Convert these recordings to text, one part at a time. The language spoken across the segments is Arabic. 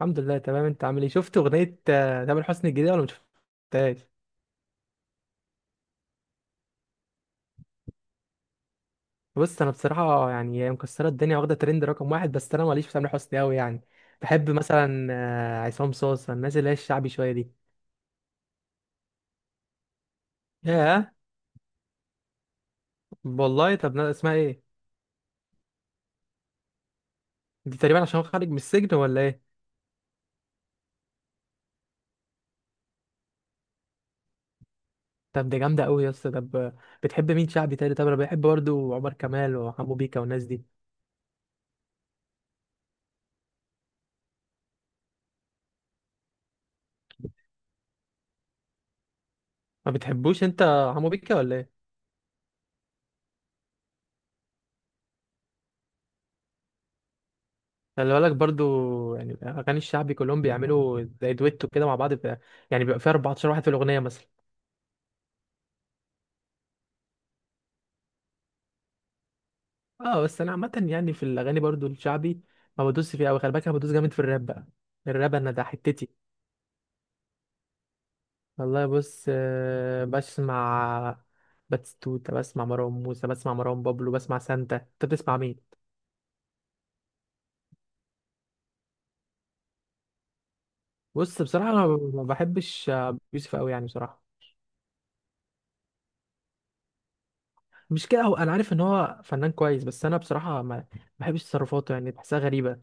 الحمد لله تمام. انت عامل ايه؟ شفت اغنيه تامر حسني الجديده ولا ما شفتهاش؟ بص انا بصراحه يعني هي مكسره الدنيا واخده ترند رقم واحد، بس انا ماليش في تامر حسني قوي يعني. بحب مثلا عصام صاصا، الناس اللي هي الشعبي شويه دي. ياه. والله، طب اسمها ايه؟ دي تقريبا عشان هو خارج من السجن ولا ايه؟ طب دي جامده قوي يا اسطى. طب بتحب مين شعبي تاني؟ طب انا بحب برضه عمر كمال وحمو بيكا والناس دي. ما بتحبوش انت حمو بيكا ولا ايه؟ خلي بالك برضو يعني اغاني الشعبي كلهم بيعملوا زي دويتو كده مع بعض بقى، يعني بيبقى فيها 14 واحد في الاغنيه مثلا. اه بس انا عامه يعني في الاغاني برضو الشعبي ما بدوس فيها قوي، خلي بالك انا بدوس جامد في الراب بقى. الراب انا ده حتتي. والله بص، بسمع باتستوتا، بسمع مروان موسى، بسمع مروان بابلو، بسمع سانتا. انت بتسمع مين؟ بص بصراحه انا ما بحبش يوسف قوي يعني بصراحه. مش كده، هو انا عارف ان هو فنان كويس، بس انا بصراحه ما بحبش تصرفاته يعني بحسها غريبه.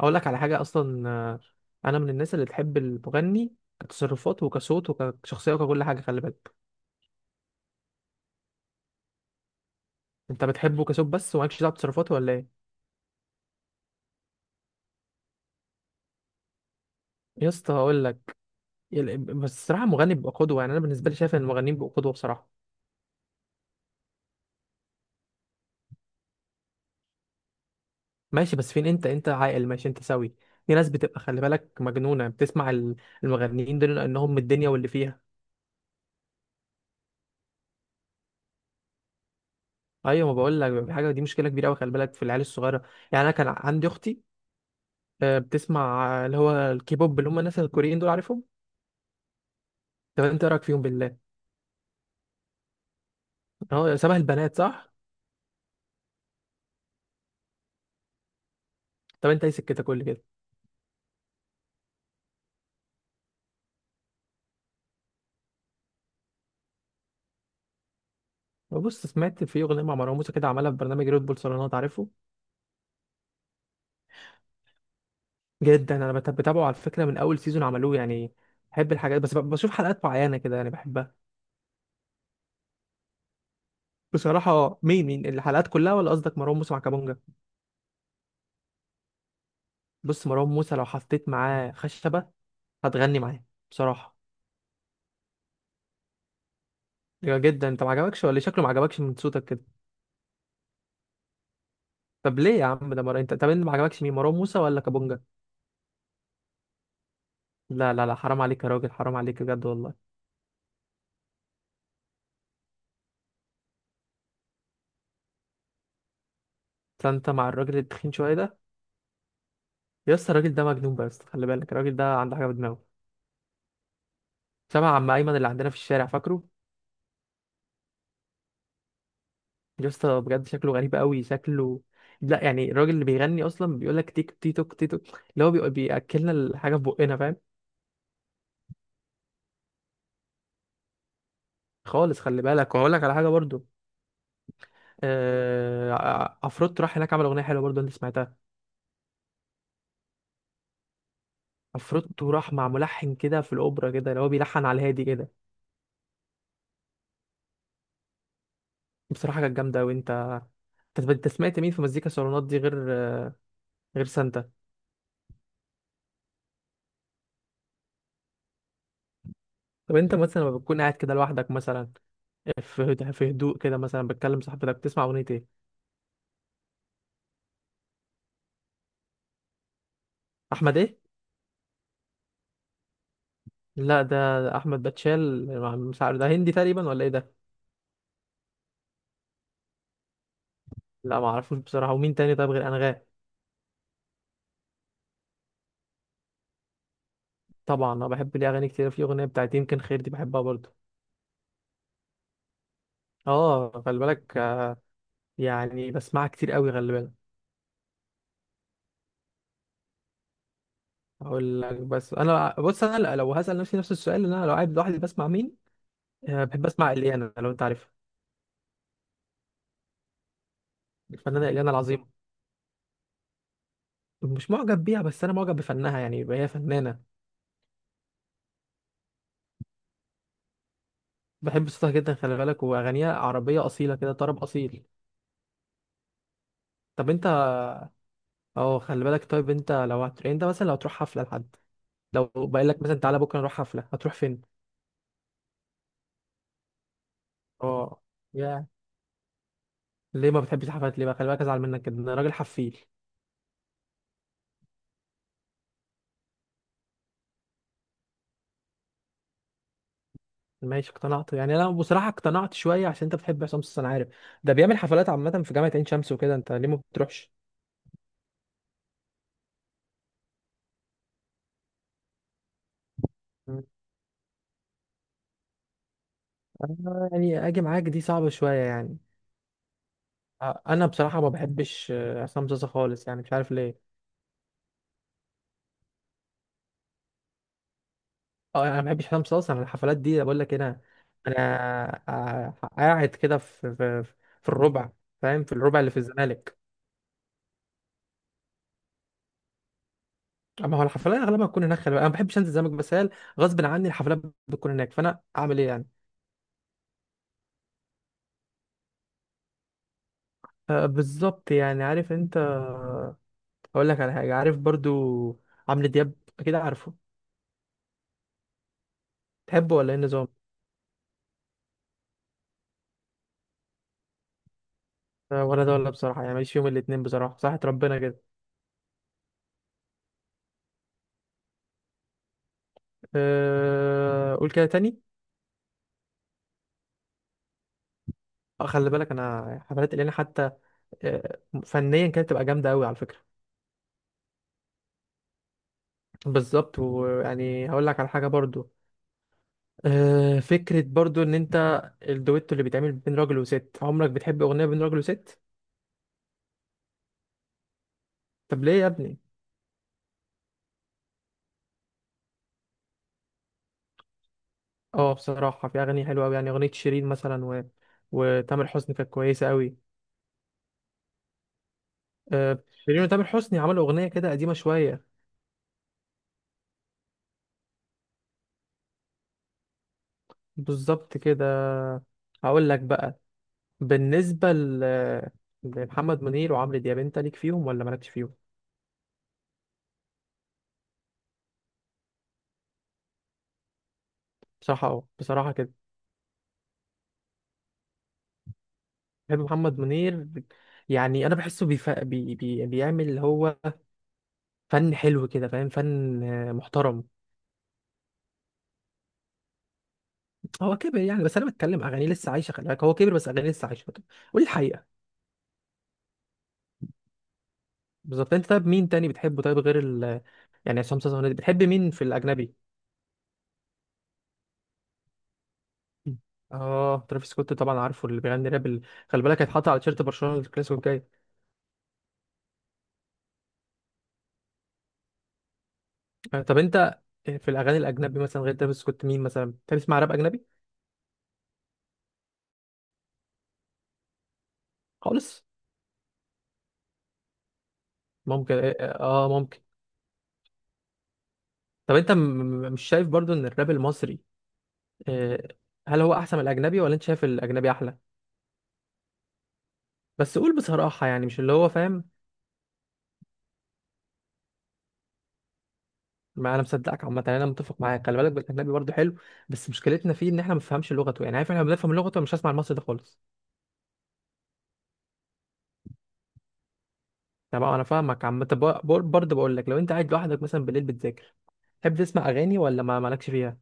اقول لك على حاجه اصلا، انا من الناس اللي تحب المغني كتصرفاته وكصوت وكشخصيه وككل حاجه، خلي بالك. انت بتحبه كصوت بس ومالكش دعوه بتصرفاته ولا ايه؟ يا اسطى اقول لك، بس الصراحه المغني بيبقى قدوه، يعني انا بالنسبه لي شايف ان المغنيين بيبقوا قدوه بصراحه. ماشي، بس فين انت عاقل، ماشي انت سوي. في ناس بتبقى خلي بالك مجنونه، بتسمع المغنيين دول لانهم من الدنيا واللي فيها. ايوه، ما بقول لك بيبقى في حاجه، دي مشكله كبيره قوي خلي بالك في العيال الصغيره. يعني انا كان عندي اختي بتسمع اللي هو الكيبوب، اللي هم الناس الكوريين دول، عارفهم؟ طب انت إيه رايك فيهم بالله؟ هو شبه البنات صح؟ طب انت ايه سكتك كل كده؟ بص سمعت في اغنيه مع مروان موسى كده، عملها في برنامج ريد بول صالونات، عارفه. جدا، انا بتابعه على فكره من اول سيزون عملوه يعني. بحب الحاجات بس بشوف حلقات معينه كده يعني بحبها. بصراحه مين الحلقات كلها، ولا قصدك مروان موسى مع كابونجا؟ بص مروان موسى لو حطيت معاه خشبه هتغني معاه بصراحه. جدا. انت ما عجبكش ولا إيه؟ شكله ما عجبكش من صوتك كده. طب ليه يا عم؟ ده انت طب انت ما عجبكش مين، مروان موسى ولا كابونجا؟ لا، حرام عليك يا راجل، حرام عليك بجد والله. فانت مع الراجل التخين شويه ده. يا اسطى الراجل ده مجنون، بس خلي بالك الراجل ده عنده حاجه في دماغه. شبه عم ايمن اللي عندنا في الشارع، فاكره؟ يا اسطى بجد شكله غريب قوي شكله. لا يعني الراجل اللي بيغني اصلا بيقول لك تيك تي توك تي توك، اللي هو بياكلنا الحاجه في بقنا، فاهم. خالص خلي بالك. وهقول لك على حاجه برضو، عفروتو راح هناك عمل اغنيه حلوه برضو، انت سمعتها؟ عفروتو راح مع ملحن كده في الاوبرا كده، اللي هو بيلحن على الهادي كده. بصراحه كانت جامده. وانت انت أنت سمعت مين في مزيكا صالونات دي غير، غير سانتا؟ طب انت مثلا لما بتكون قاعد كده لوحدك مثلا، في هدوء كده، مثلا بتكلم صاحبتك، بتسمع اغنية ايه؟ احمد ايه؟ لا ده، احمد باتشال مش عارف، ده هندي تقريبا ولا ايه ده؟ لا ما اعرفوش بصراحة. ومين تاني طيب غير انغام؟ طبعا انا بحب ليه اغاني كتير، في اغنية بتاعت يمكن خير، دي بحبها برضه. اه خلي بالك، يعني بسمعها كتير قوي خلي بالك. اقول لك، بس انا بص انا لو هسأل نفسي نفس السؤال، ان انا لو قاعد لوحدي بسمع مين، بحب اسمع اليانا، لو انت عارفها. الفنانة اليانا العظيمة. مش معجب بيها، بس انا معجب بفنها يعني، هي فنانة. بحب صوتها جدا خلي بالك، واغانيها عربيه اصيله كده، طرب اصيل. طب انت، اه خلي بالك. طيب انت لو يعني انت مثلا لو هتروح حفله لحد، لو بقول لك مثلا تعالى بكره نروح حفله، هتروح فين؟ اه، يا، ليه ما بتحبش الحفلات؟ ليه بقى؟ خلي بالك ازعل منك كده، انا راجل حفيل. ماشي، اقتنعت يعني انا بصراحه اقتنعت شويه، عشان انت بتحب عصام صاصا انا عارف. ده بيعمل حفلات عامه في جامعه عين شمس وكده، انت ليه ما بتروحش؟ مم. أنا يعني اجي معاك دي صعبه شويه يعني. انا بصراحه ما بحبش عصام صاصا خالص يعني، مش عارف ليه. اه انا ما بحبش حسام صاصا. انا الحفلات دي بقول لك إيه، انا، انا قاعد كده في في الربع، فاهم، في الربع اللي في الزمالك. اما هو الحفلات اغلبها بتكون هناك خلي بالك. انا ما بحبش انزل الزمالك، بس هي غصب عني الحفلات بتكون هناك، فانا اعمل ايه يعني. آه بالظبط يعني. عارف انت، اقول لك على حاجه، عارف برضو عمرو دياب، اكيد عارفه. تحبه ولا ايه النظام؟ آه ولا ده ولا، بصراحه يعني ماليش فيهم الاتنين بصراحه، صحة ربنا كده. آه قول كده تاني. خلي بالك انا حفلات الينا حتى فنيا كانت تبقى جامده قوي على فكره. بالظبط. ويعني هقول لك على حاجه برضو، فكره برضو ان انت، الدويتو اللي بيتعمل بين راجل وست، عمرك بتحب اغنيه بين راجل وست؟ طب ليه يا ابني؟ اه بصراحه في اغاني حلوه قوي يعني، اغنيه شيرين مثلا و... وتامر حسني كانت كويسه قوي. شيرين وتامر حسني عملوا اغنيه كده قديمه شويه. بالظبط كده. هقول لك بقى، بالنسبه لمحمد منير وعمرو دياب، انت ليك فيهم ولا مالكش فيهم؟ بصراحه اه، بصراحه كده بحب محمد منير. يعني انا بحسه بيعمل اللي هو فن حلو كده، فاهم، فن محترم. هو كبر يعني، بس انا بتكلم اغانيه لسه عايشه خلي بالك. هو كبر بس اغانيه لسه عايشه، قول الحقيقه. بالظبط. انت طيب مين تاني بتحبه طيب غير يعني عصام صاصا والناس دي؟ بتحب مين في الاجنبي؟ اه ترافيس سكوت طبعا عارفه، اللي بيغني راب خلي بالك هيتحط على تيشيرت برشلونه الكلاسيكو الجاي. طب انت في الاغاني الاجنبي مثلا غير ترافيس سكوت، مين مثلا بتحب تسمع راب اجنبي؟ خالص. ممكن اه، ممكن. طب انت مش شايف برضو ان الراب المصري آه، هل هو احسن من الاجنبي، ولا انت شايف الاجنبي احلى؟ بس قول بصراحة يعني مش اللي هو، فاهم. ما انا مصدقك عامة يعني، انا متفق معاك خلي بالك، بالاجنبي برضو حلو، بس مشكلتنا فيه ان احنا ما بنفهمش لغته يعني، عارف، احنا بنفهم لغته، مش هسمع المصري ده خالص. طب انا فاهمك عم. طب برضه بقول لك لو انت قاعد لوحدك مثلا بالليل بتذاكر، تحب تسمع اغاني ولا ما مالكش فيها؟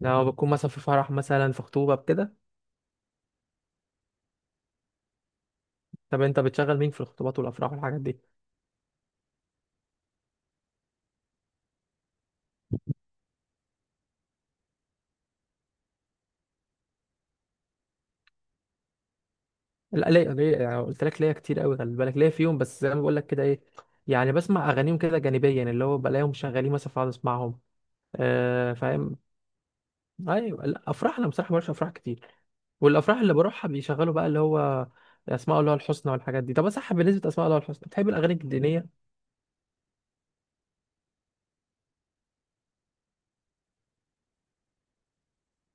لو بتكون مثلا في فرح، مثلا في خطوبة بكده. طب انت بتشغل مين في الخطوبات والافراح والحاجات دي؟ لا ليا يعني قلت لك ليا كتير قوي خلي بالك، ليا فيهم، بس زي ما بقول لك كده ايه، يعني بسمع اغانيهم كده جانبيا، اللي هو بلاقيهم شغالين مثلا فاقعد اسمعهم. آه فاهم. ايوه، لا، افراح انا بصراحه مبروحش افراح كتير، والافراح اللي بروحها بيشغلوا بقى اللي هو اسماء الله الحسنى والحاجات دي. طب صح، بالنسبه لاسماء الله الحسنى بتحب الاغاني الدينيه؟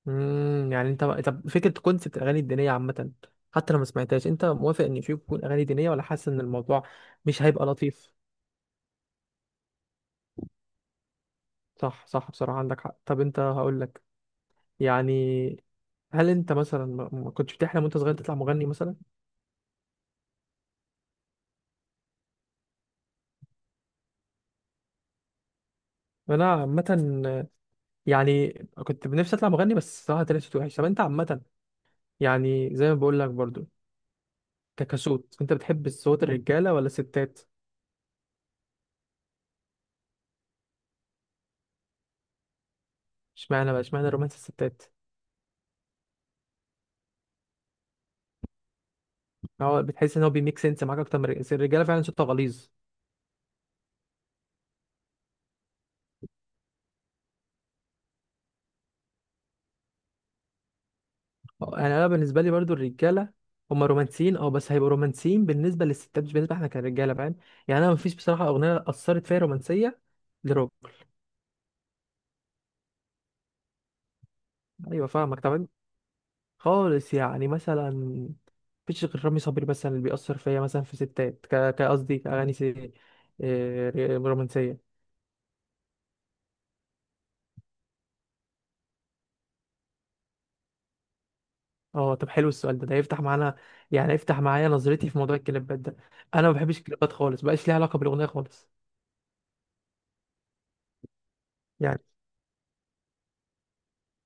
يعني انت طب فكره كونسبت الاغاني الدينيه عامه، حتى لو ما سمعتهاش، انت موافق ان في يكون اغاني دينيه، ولا حاسس ان الموضوع مش هيبقى لطيف؟ صح صح، بصراحه عندك حق. طب انت هقول لك يعني، هل انت مثلا ما كنتش بتحلم وانت صغير تطلع مغني مثلا؟ انا عامه يعني كنت نفسي اطلع مغني، بس صراحه طلعت صوتي وحش. طب انت عامه يعني زي ما بقول لك برضو، كصوت انت بتحب صوت الرجاله ولا الستات؟ اشمعنى بقى اشمعنى رومانس الستات؟ هو بتحس ان هو بيميك سنس معاك اكتر من الرجاله، فعلا صوتها غليظ. اه، يعني انا بالنسبه لي برضو الرجاله هم رومانسيين، اه بس هيبقوا رومانسيين بالنسبه للستات، مش بالنسبه احنا كرجاله فاهم. يعني انا مفيش بصراحه اغنيه اثرت فيا رومانسيه، لروب. ايوه فاهمك. طب خالص يعني مثلا مفيش غير رامي صبري مثلا اللي بيأثر فيا مثلا في ستات، كقصدي كأغاني آه، رومانسية. اه طب حلو السؤال ده، ده يفتح معانا يعني يفتح معايا نظرتي في موضوع الكليبات ده. انا ما بحبش الكليبات خالص، بقاش ليها علاقة بالأغنية خالص يعني.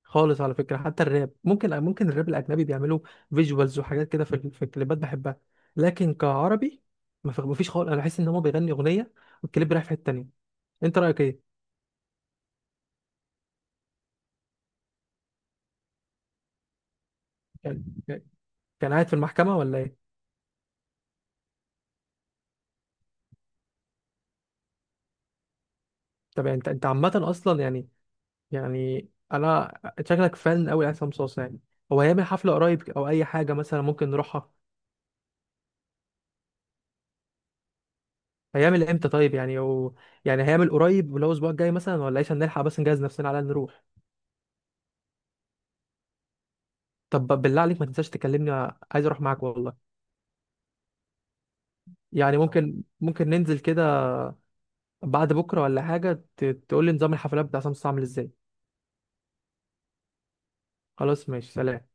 خالص، على فكرة حتى الراب، ممكن ممكن الراب الأجنبي بيعملوا فيجوالز وحاجات كده في الكليبات بحبها، لكن كعربي ما في- مفيش خالص، انا بحس ان هو بيغني أغنية والكليب رايح في حتة تانية. انت رأيك ايه؟ كان، كان قاعد في المحكمة ولا ايه؟ طب يعني انت، انت عامة اصلا يعني يعني انا شكلك فن قوي لعصام صوصة يعني. هو هيعمل حفلة قريب او اي حاجة مثلا ممكن نروحها؟ هيعمل امتى طيب يعني هو يعني هيعمل قريب اللي هو الاسبوع الجاي مثلا ولا ايش، هنلحق بس نجهز نفسنا على الأقل نروح. طب بالله عليك ما تنساش تكلمني، عايز اروح معاك والله. يعني ممكن ننزل كده بعد بكرة ولا حاجة، تقول لي نظام الحفلات بتاع عصام صوصة عامل ازاي. خلاص ماشي سلام.